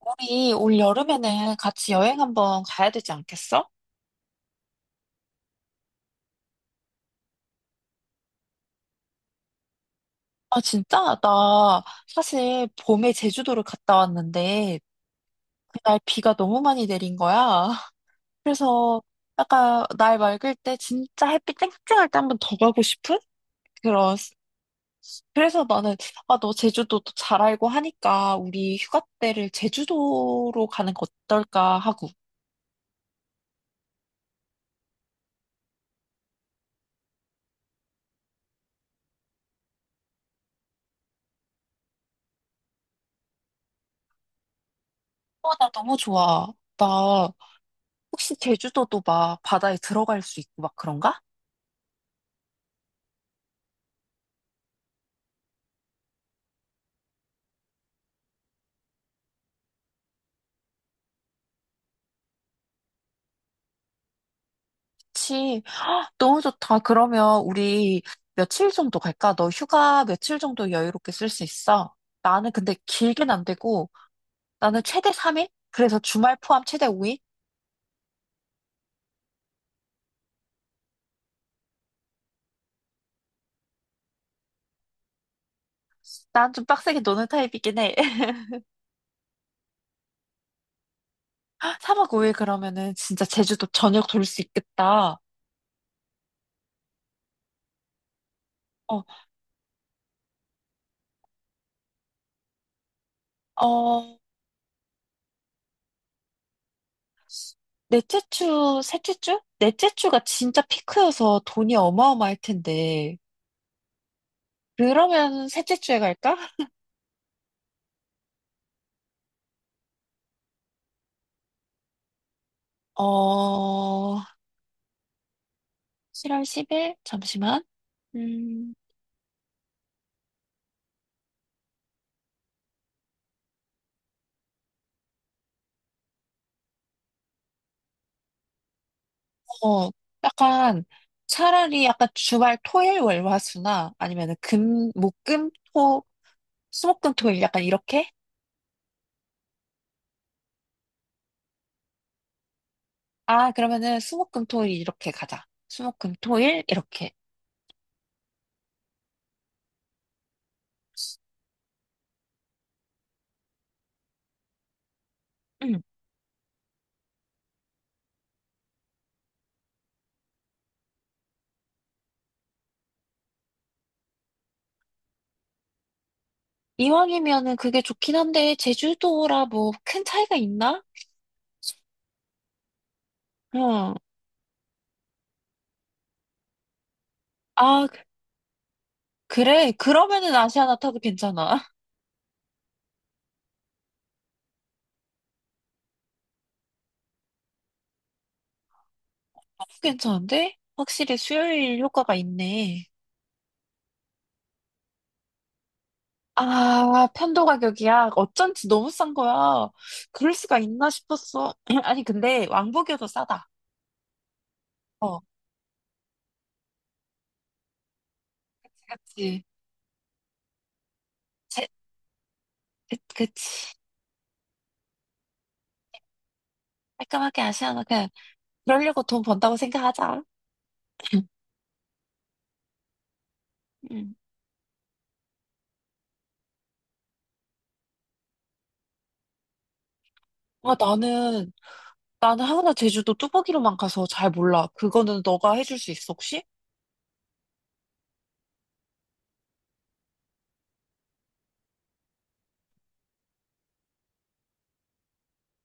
우리 올 여름에는 같이 여행 한번 가야 되지 않겠어? 아, 진짜? 나 사실 봄에 제주도를 갔다 왔는데 그날 비가 너무 많이 내린 거야. 그래서 약간 날 맑을 때 진짜 햇빛 쨍쨍할 때 한번 더 가고 싶은? 그런. 그래서 나는 아, 너 제주도도 잘 알고 하니까 우리 휴가 때를 제주도로 가는 거 어떨까 하고. 어, 나 너무 좋아. 나 혹시 제주도도 막 바다에 들어갈 수 있고 막 그런가? 그치. 너무 좋다. 그러면 우리 며칠 정도 갈까? 너 휴가 며칠 정도 여유롭게 쓸 수 있어? 나는 근데 길게는 안 되고, 나는 최대 3일? 그래서 주말 포함 최대 5일? 난 좀 빡세게 노는 타입이긴 해. 3박 5일 그러면은 진짜 제주도 전역 돌 수 있겠다. 어, 어, 넷째 주, 셋째 주? 넷째 주가 진짜 피크여서 돈이 어마어마할 텐데. 그러면 셋째 주에 갈까? 어, 7월 10일? 잠시만. 음. 어, 약간 차라리 약간 주말 토일 월화수나 아니면은 금, 목, 금, 토, 수목금 토일 약간 이렇게? 아, 그러면은 수목금 토일 이렇게 가자. 수목금 토일 이렇게. 응. 이왕이면은 그게 좋긴 한데 제주도라 뭐 큰 차이가 있나? 응. 아, 그래. 그러면은 아시아나 타도 괜찮아. 괜찮은데? 확실히 수요일 효과가 있네. 아, 편도 가격이야. 어쩐지 너무 싼 거야. 그럴 수가 있나 싶었어. 아니, 근데 왕복이 더 싸다. 어, 그치, 그치. 제, 그치. 깔끔하게 아시아나 그냥 그러려고 돈 번다고 생각하자. 음. 아, 나는 하우나 제주도 뚜벅이로만 가서 잘 몰라. 그거는 너가 해줄 수 있어, 혹시?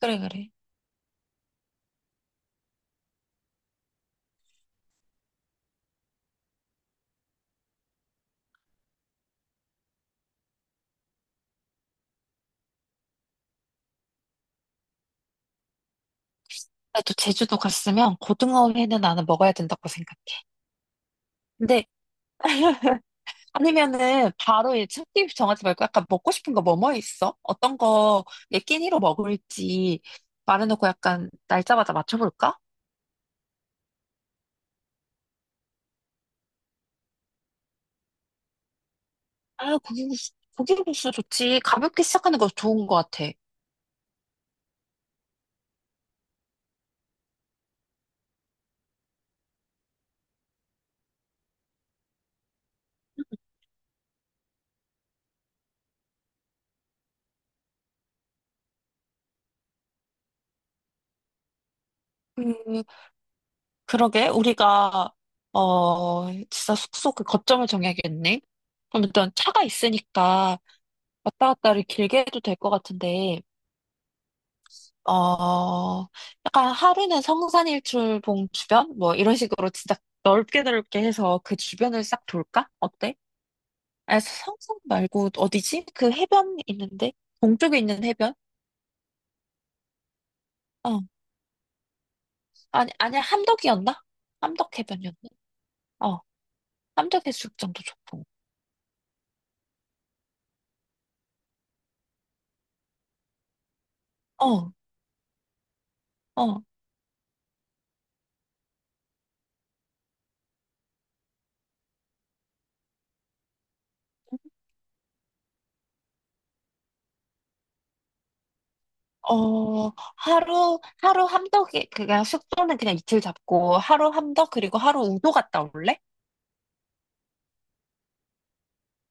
그래, 그래. 나도 제주도 갔으면 고등어 회는 나는 먹어야 된다고 생각해. 근데 아니면은 바로 이 참기 정하지 말고 약간 먹고 싶은 거 뭐뭐 있어? 어떤 거 얘 끼니로 먹을지 말해놓고 약간 날짜마다 맞춰볼까? 아, 고기국수, 고기국수 좋지. 가볍게 시작하는 거 좋은 것 같아. 그, 그러게 우리가 진짜 숙소 그 거점을 정해야겠네. 그럼 일단 차가 있으니까 왔다 갔다를 길게 해도 될 것 같은데 어, 약간 하루는 성산일출봉 주변? 뭐 이런 식으로 진짜 넓게 넓게 해서 그 주변을 싹 돌까? 어때? 아, 성산 말고 어디지? 그 해변 있는데? 동쪽에 있는 해변? 어. 아니, 아니, 함덕이었나? 함덕 해변이었나? 어. 함덕 해수욕장도 좋고. 어, 어. 어, 하루 함덕에, 그냥 숙소는 그냥 이틀 잡고, 하루 함덕, 그리고 하루 우도 갔다 올래?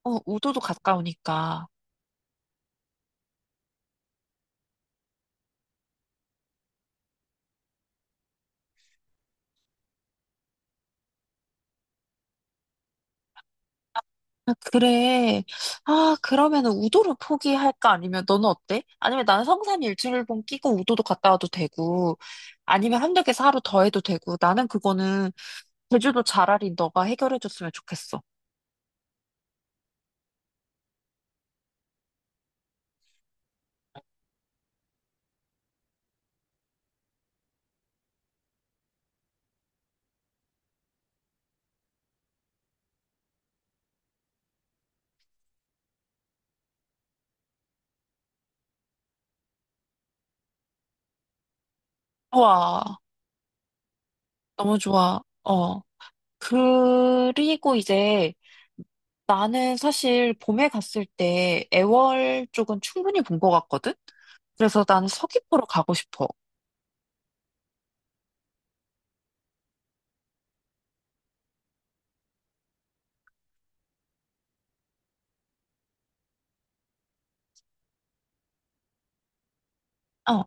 어, 우도도 가까우니까. 아, 그래. 아, 그러면은 우도를 포기할까? 아니면 너는 어때? 아니면 나는 성산 일출봉 끼고 우도도 갔다 와도 되고, 아니면 함덕에서 하루 더 해도 되고, 나는 그거는 제주도 차라리 너가 해결해줬으면 좋겠어. 좋아. 너무 좋아. 어. 그리고 이제 나는 사실 봄에 갔을 때 애월 쪽은 충분히 본 것 같거든? 그래서 나는 서귀포로 가고 싶어. 어.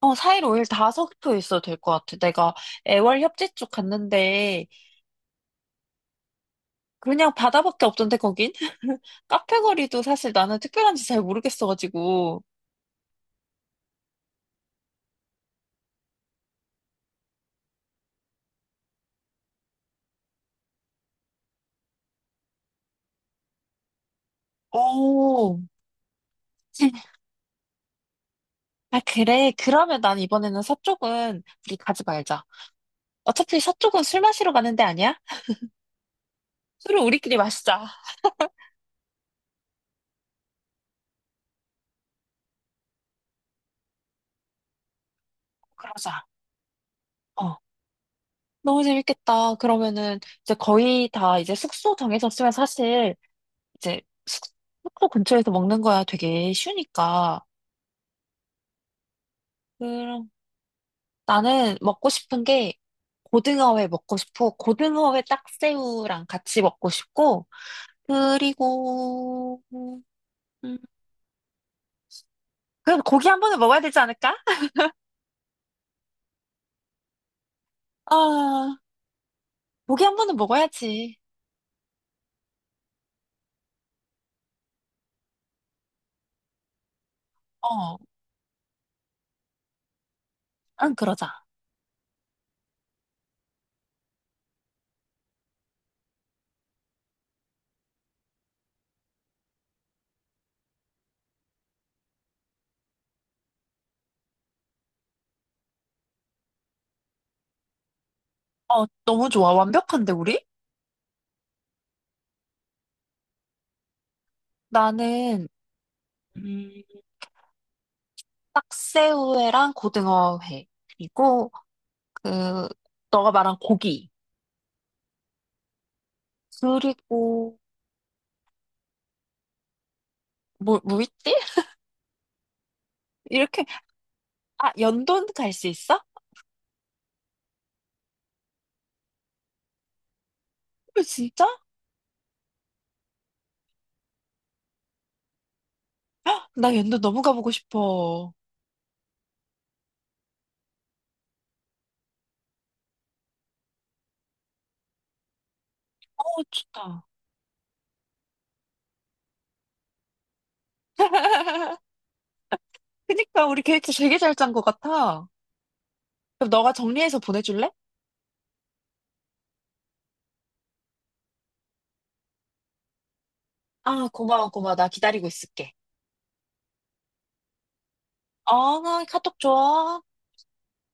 어, 4일 5일 다섞에 있어도 될 것 같아. 내가 애월 협재 쪽 갔는데 그냥 바다밖에 없던데 거긴? 카페 거리도 사실 나는 특별한지 잘 모르겠어가지고. 오. 아, 그래. 그러면 난 이번에는 서쪽은 우리 가지 말자. 어차피 서쪽은 술 마시러 가는 데 아니야? 술을 우리끼리 마시자. 그러자. 어. 너무 재밌겠다. 그러면은 이제 거의 다 이제 숙소 정해졌으면 사실 이제 숙- 숙소 근처에서 먹는 거야 되게 쉬우니까. 나는 먹고 싶은 게 고등어회 먹고 싶어. 고등어회 딱새우랑 같이 먹고 싶고, 그리고, 음, 그럼 고기 한 번은 먹어야 되지 않을까? 아, 고기 한 번은 먹어야지. 어, 응, 그러자. 어, 너무 좋아. 완벽한데, 우리? 나는, 음, 딱새우회랑 고등어회, 그리고, 그, 너가 말한 고기, 그리고, 뭐 있지? 이렇게, 아, 연돈 갈 수 있어? 어, 진짜? 나 연도 너무 가보고 싶어. 어, 좋다. 그니까 우리 계획도 되게 잘 짠 것 같아. 그럼 너가 정리해서 보내줄래? 아, 고마워, 고마워. 나 기다리고 있을게. 어, 카톡 줘.